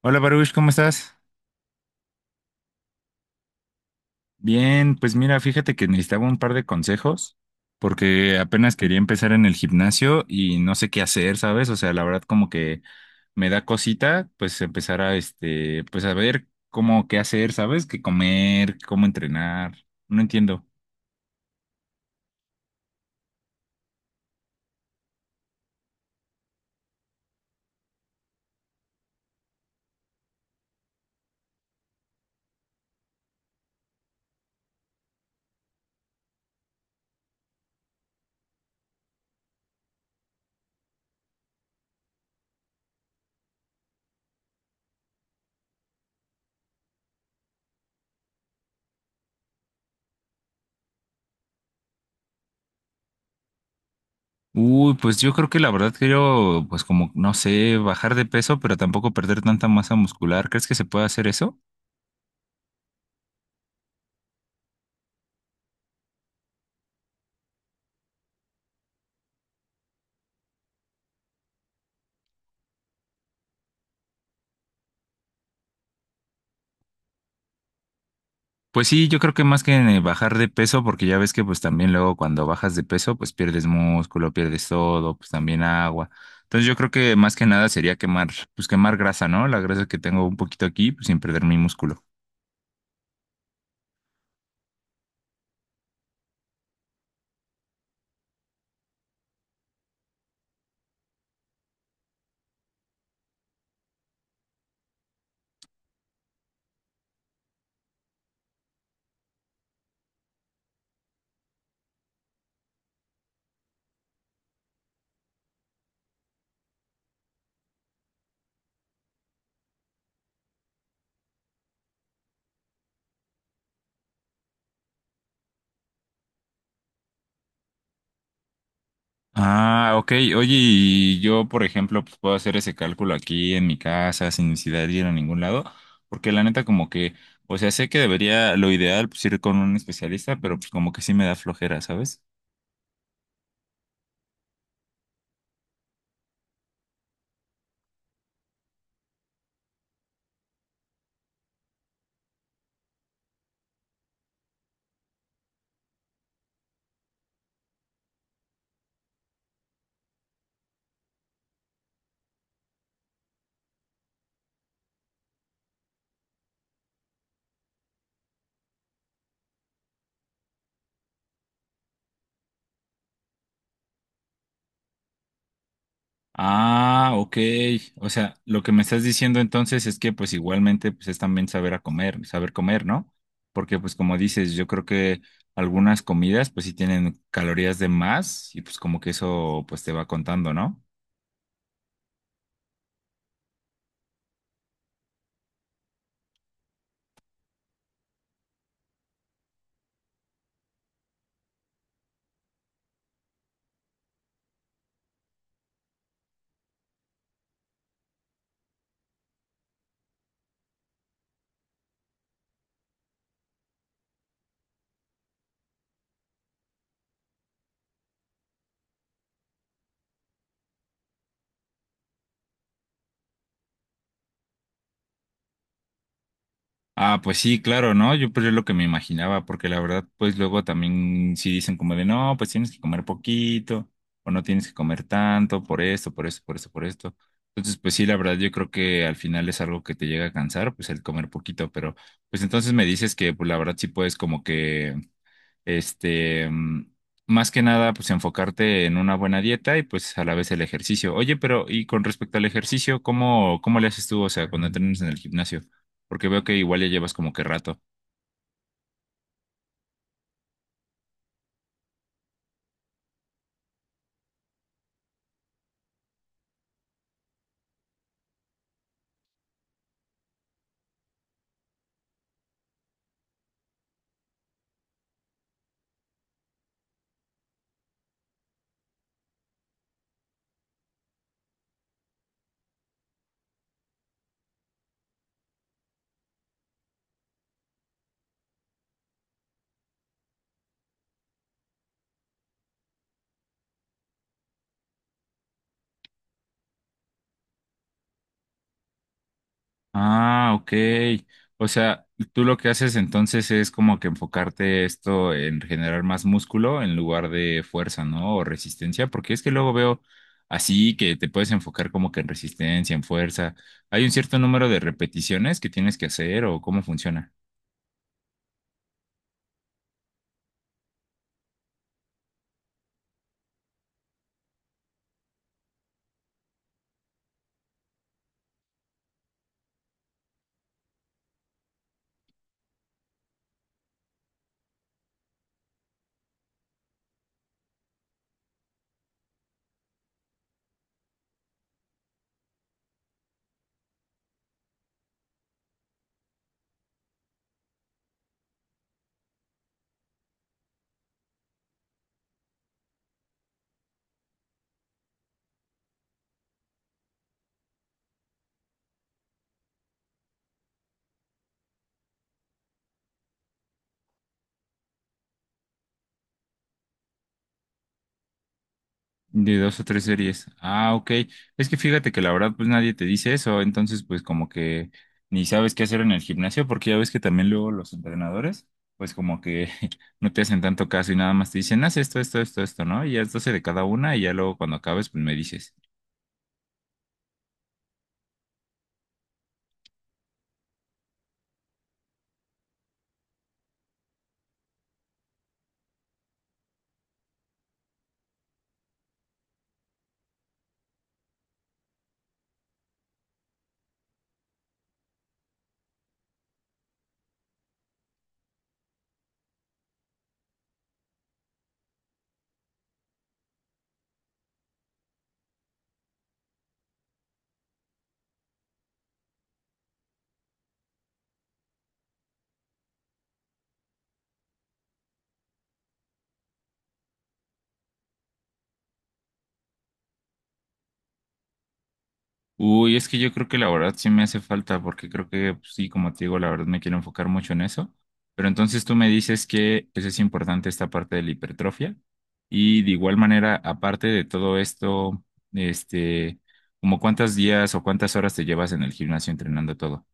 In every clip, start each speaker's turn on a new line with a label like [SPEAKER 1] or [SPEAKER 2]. [SPEAKER 1] Hola Baruch, ¿cómo estás? Bien, pues mira, fíjate que necesitaba un par de consejos porque apenas quería empezar en el gimnasio y no sé qué hacer, ¿sabes? O sea, la verdad como que me da cosita pues empezar a este, pues a ver cómo qué hacer, ¿sabes? Qué comer, cómo entrenar. No entiendo. Uy, pues yo creo que la verdad quiero pues como no sé, bajar de peso, pero tampoco perder tanta masa muscular. ¿Crees que se puede hacer eso? Pues sí, yo creo que más que en el bajar de peso, porque ya ves que pues también luego cuando bajas de peso, pues pierdes músculo, pierdes todo, pues también agua. Entonces yo creo que más que nada sería quemar, pues quemar grasa, ¿no? La grasa que tengo un poquito aquí, pues sin perder mi músculo. Ah, ok. Oye, y yo, por ejemplo, pues puedo hacer ese cálculo aquí en mi casa sin necesidad de ir a ningún lado, porque la neta como que, o sea, sé que debería, lo ideal, pues ir con un especialista, pero pues como que sí me da flojera, ¿sabes? Ah, ok. O sea, lo que me estás diciendo entonces es que pues igualmente pues es también saber a comer, saber comer, ¿no? Porque pues como dices, yo creo que algunas comidas pues sí tienen calorías de más y pues como que eso pues te va contando, ¿no? Ah, pues sí, claro, ¿no? Yo pues es lo que me imaginaba, porque la verdad, pues luego también sí dicen como de, no, pues tienes que comer poquito, o no tienes que comer tanto, por esto, por esto, por esto, por esto. Entonces, pues sí, la verdad, yo creo que al final es algo que te llega a cansar, pues el comer poquito, pero pues entonces me dices que, pues la verdad sí puedes como que este, más que nada, pues enfocarte en una buena dieta y pues a la vez el ejercicio. Oye, pero y con respecto al ejercicio, ¿cómo le haces tú? O sea, cuando entrenas en el gimnasio, porque veo que igual ya llevas como que rato. Ah, ok. O sea, tú lo que haces entonces es como que enfocarte esto en generar más músculo en lugar de fuerza, ¿no? O resistencia, porque es que luego veo así que te puedes enfocar como que en resistencia, en fuerza. ¿Hay un cierto número de repeticiones que tienes que hacer o cómo funciona? De dos o tres series. Ah, ok. Es que fíjate que la verdad, pues nadie te dice eso, entonces pues como que ni sabes qué hacer en el gimnasio, porque ya ves que también luego los entrenadores, pues como que no te hacen tanto caso y nada más te dicen, haz esto, esto, esto, esto, ¿no? Y haz 12 de cada una y ya luego cuando acabes, pues me dices. Uy, es que yo creo que la verdad sí me hace falta, porque creo que pues, sí, como te digo, la verdad me quiero enfocar mucho en eso. Pero entonces tú me dices que pues, es importante esta parte de la hipertrofia. Y de igual manera, aparte de todo esto, este, como cuántos días o cuántas horas te llevas en el gimnasio entrenando todo.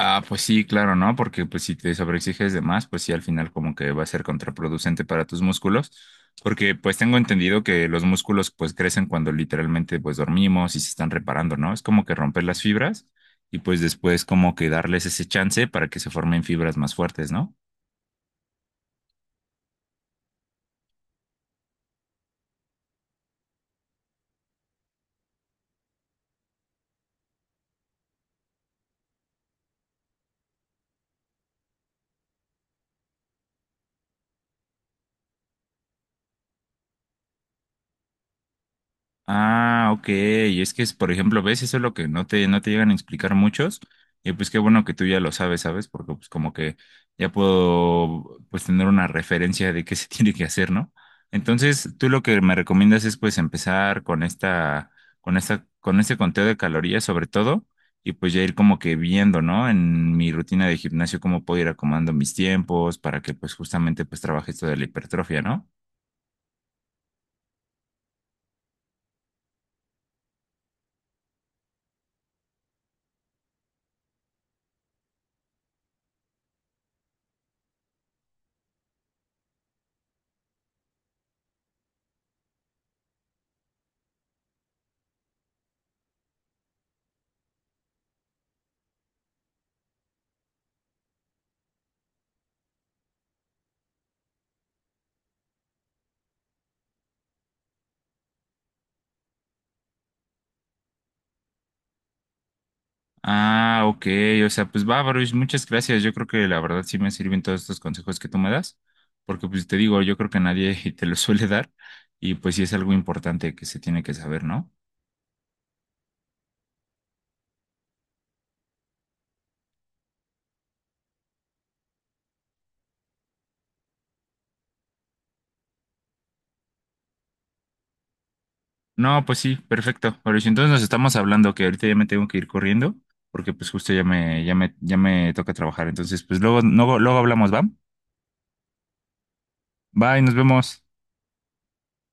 [SPEAKER 1] Ah, pues sí, claro, ¿no? Porque pues si te sobreexiges de más, pues sí, al final como que va a ser contraproducente para tus músculos, porque pues tengo entendido que los músculos pues crecen cuando literalmente pues dormimos y se están reparando, ¿no? Es como que romper las fibras y pues después como que darles ese chance para que se formen fibras más fuertes, ¿no? Ah, ok. Y es que es, por ejemplo, ves, eso es lo que no te llegan a explicar muchos. Y pues qué bueno que tú ya lo sabes, ¿sabes? Porque pues como que ya puedo pues tener una referencia de qué se tiene que hacer, ¿no? Entonces, tú lo que me recomiendas es pues empezar con esta, con este conteo de calorías sobre todo, y pues ya ir como que viendo, ¿no? En mi rutina de gimnasio, cómo puedo ir acomodando mis tiempos para que pues justamente pues trabaje esto de la hipertrofia, ¿no? Ah, ok, o sea, pues va, Baruch, muchas gracias. Yo creo que la verdad sí me sirven todos estos consejos que tú me das, porque pues te digo, yo creo que nadie te los suele dar y pues sí es algo importante que se tiene que saber, ¿no? No, pues sí, perfecto, Baruch. Entonces nos estamos hablando que ahorita ya me tengo que ir corriendo, porque pues justo ya me toca trabajar. Entonces, pues luego, luego, luego hablamos, ¿va? Bye, nos vemos.